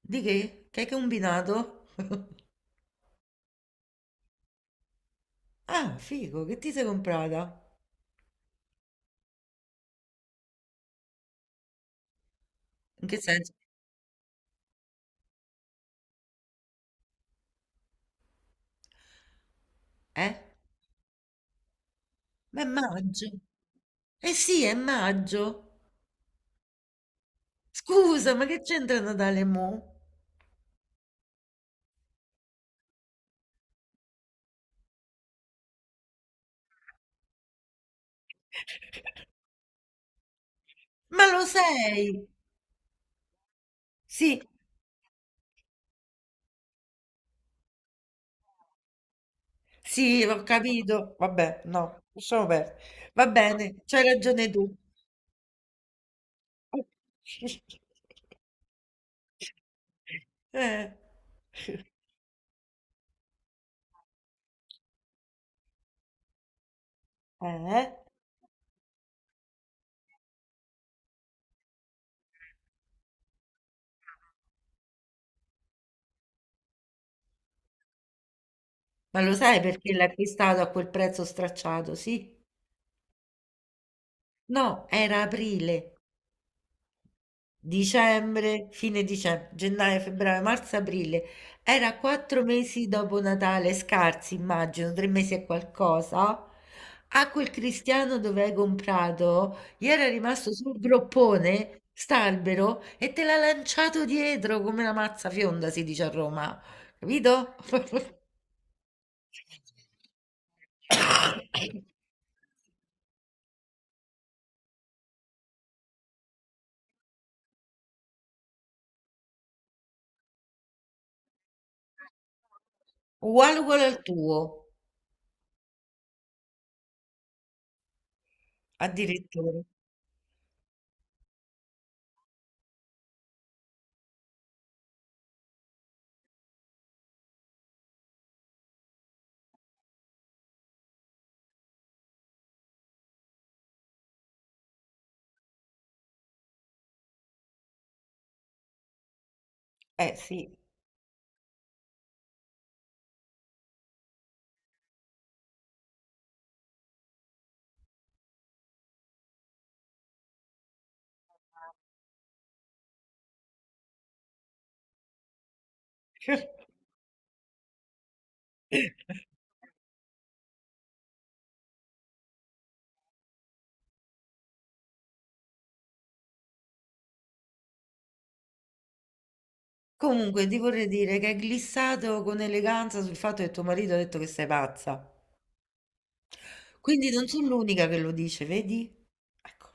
Di che? Che hai combinato? Ah, figo, che ti sei comprata? In che senso? Eh? Ma è maggio. Eh sì, è maggio. Scusa, ma che c'entra Natale mo? Ma lo sei? Sì, sì, ho capito. Vabbè, no, lasciamo perdere. Va bene, c'hai ragione tu. Eh, eh? Ma lo sai perché l'hai acquistato a quel prezzo stracciato, sì? No, era aprile. Dicembre, fine dicembre, gennaio, febbraio, marzo, aprile. Era quattro mesi dopo Natale, scarsi, immagino, tre mesi e qualcosa. A quel cristiano dove hai comprato, gli era rimasto sul groppone, st'albero, e te l'ha lanciato dietro come una mazza fionda, si dice a Roma. Capito? Uguale uguale al tuo, addirittura. Eh sì. Comunque, ti vorrei dire che hai glissato con eleganza sul fatto che tuo marito ha detto che sei pazza. Quindi non sono l'unica che lo dice, vedi? Ecco,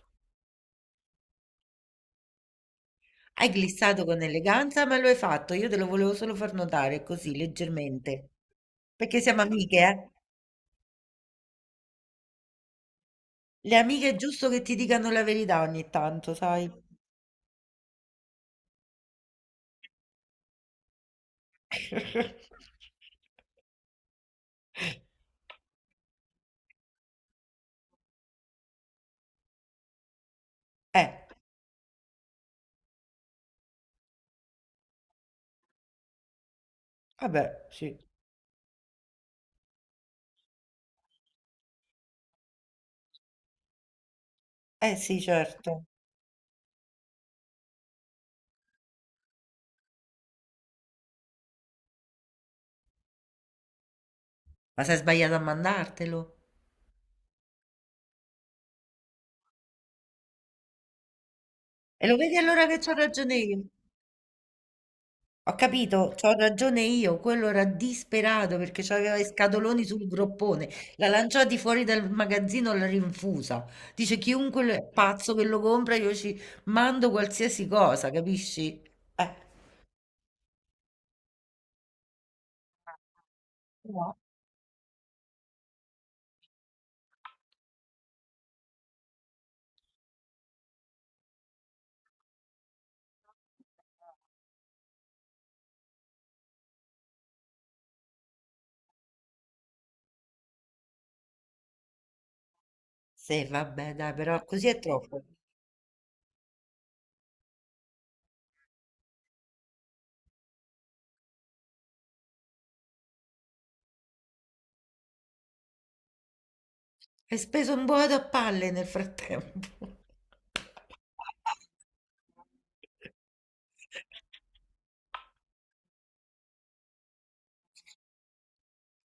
hai glissato con eleganza, ma lo hai fatto. Io te lo volevo solo far notare così, leggermente. Perché siamo amiche, eh? Le amiche è giusto che ti dicano la verità ogni tanto, sai? Eh, vabbè, sì. Eh sì, certo. Ma sei sbagliato a mandartelo. E lo vedi allora che c'ho ragione io. Ho capito, c'ho ragione io, quello era disperato perché c'aveva i scatoloni sul groppone, l'ha lanciati fuori dal magazzino, l'ha rinfusa. Dice è pazzo che lo compra, io ci mando qualsiasi cosa, capisci? Eh, no. Sì, vabbè, dai, però così è troppo. Hai speso un boato a palle nel frattempo.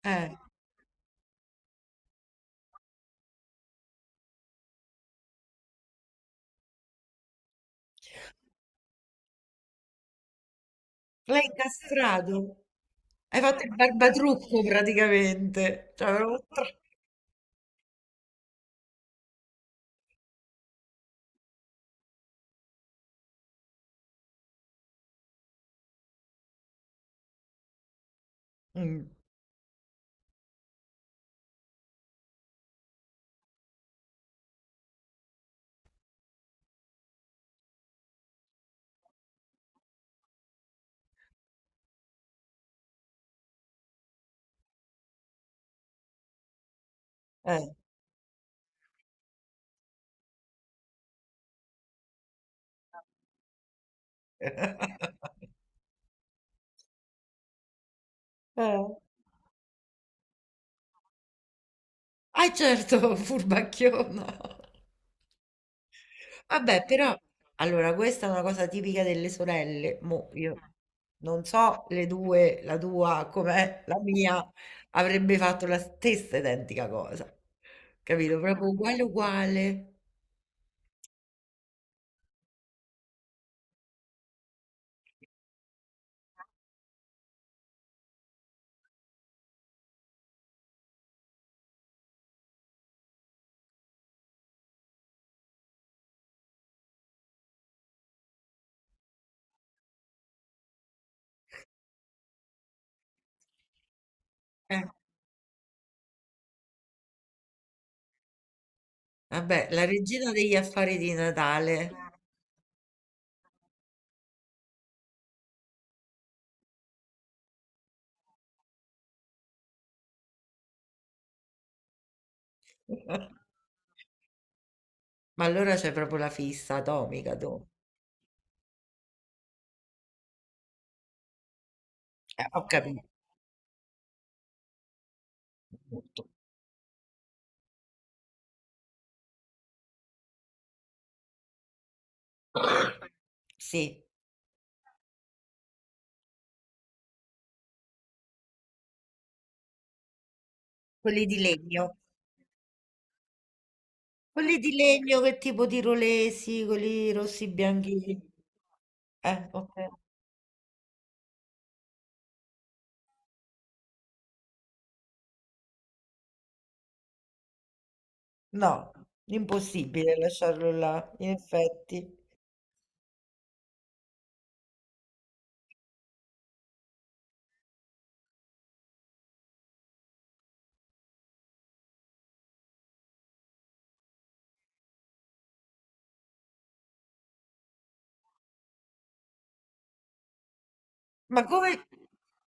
Eh, l'hai incastrato. Hai fatto il barbatrucco praticamente. Cioè, Mm. Eh, eh. Ah, certo, furbacchiona. Vabbè, però, allora, questa è una cosa tipica delle sorelle. Mo, io non so le due, la tua com'è, la mia, avrebbe fatto la stessa identica cosa. Capito? Proprio uguale, uguale. Eh, Vabbè, la regina degli affari di Natale. Ma allora c'è proprio la fissa atomica, tu. Ho capito. Tutto. Sì, quelli di legno. Quelli di legno, che tipo di rolesi, quelli rossi bianchi. Ok. No, impossibile lasciarlo là, in effetti. Ma come...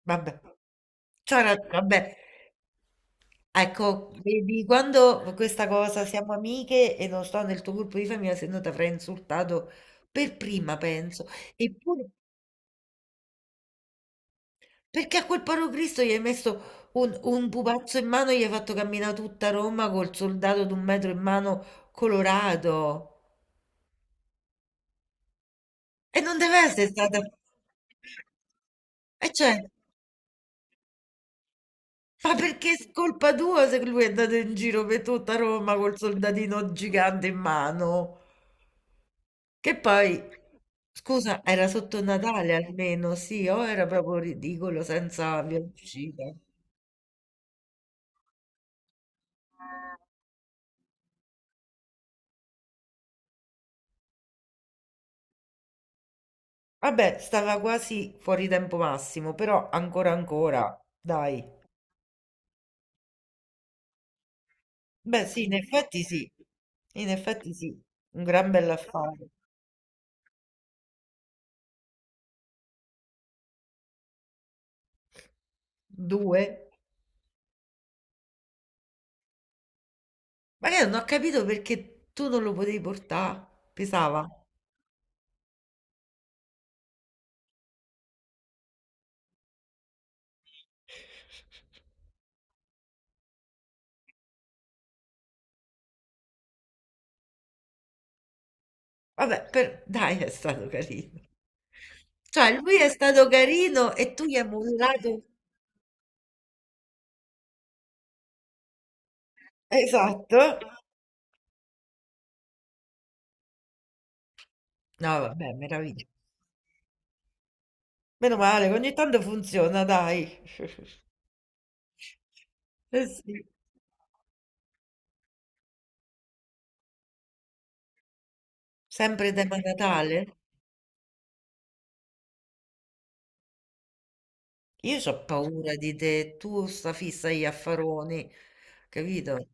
Vabbè, c'ho ragione, vabbè. Ecco, vedi, quando questa cosa siamo amiche e non sto nel tuo gruppo di famiglia, se no ti avrei insultato per prima, penso. Eppure, perché a quel Parocristo gli hai messo un pupazzo in mano e gli hai fatto camminare tutta Roma col soldato d'un metro in mano colorato. E non deve essere stata... E cioè, ma perché è colpa tua se lui è andato in giro per tutta Roma col soldatino gigante in mano? Che poi, scusa, era sotto Natale almeno, sì, o era proprio ridicolo senza via d'uscita. Vabbè, stava quasi fuori tempo massimo, però ancora ancora, dai. Beh, sì, in effetti sì. In effetti sì, un gran bell'affare. Due? Ma io non ho capito perché tu non lo potevi portare. Pesava. Vabbè, dai, è stato carino. Cioè, lui è stato carino e tu gli hai mollato. Esatto. No, vabbè, meraviglia. Meno male, ogni tanto funziona, dai. Eh sì. Sempre tema Natale? Io ho paura di te, tu sta fissa agli affaroni, capito? Ma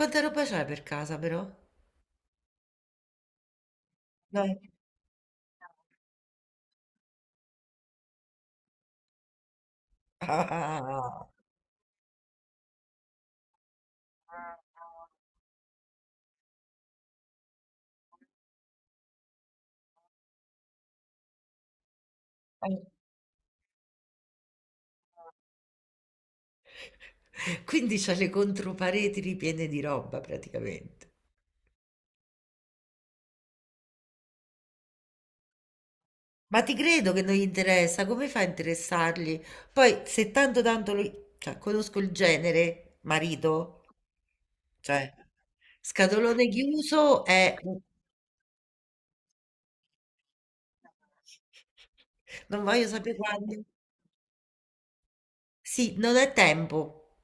quanta roba c'hai per casa però? Dai. Ah. Quindi c'ha le contropareti ripiene di roba praticamente. Ma ti credo che non gli interessa, come fa a interessargli? Poi se tanto tanto lui, cioè, conosco il genere, marito, cioè, scatolone chiuso è... Non voglio sapere quanti. Sì, non è tempo.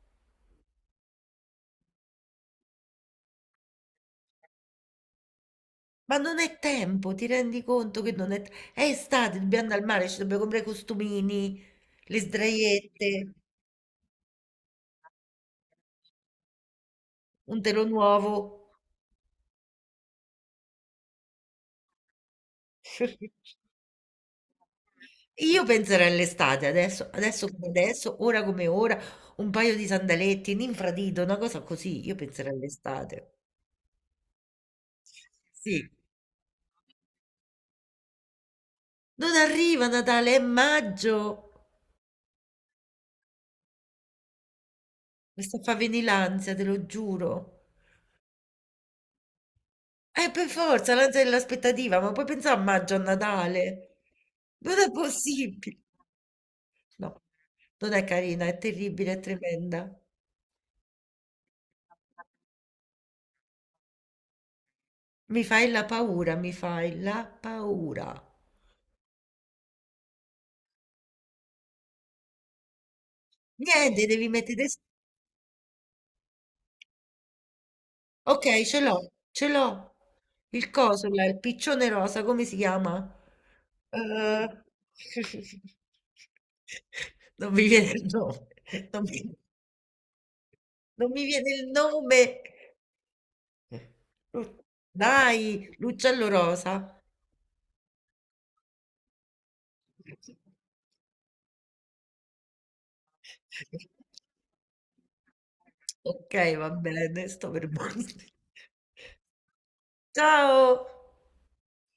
Ma non è tempo, ti rendi conto che non è... È estate, dobbiamo andare al mare, ci dobbiamo comprare i costumini, le sdraiette, un telo nuovo. Io penserei all'estate, adesso, adesso come adesso, ora come ora, un paio di sandaletti, un infradito, una cosa così, io penserei all'estate. Sì. Non arriva Natale, è maggio. Mi sta a far venire l'ansia, te lo giuro. Per forza, la gente dell'aspettativa, ma puoi pensare a maggio, a Natale? Non è possibile. No, non è carina, è terribile, è tremenda. Mi fai la paura, mi fai la paura. Niente, devi mettere... Ok, ce l'ho, ce l'ho. Il coso, là, il piccione rosa, come si chiama? Eh, Non mi viene il nome. Non mi, non mi viene il nome. Lu dai, l'uccello rosa. Okay, va bene, sto per morire. Ciao.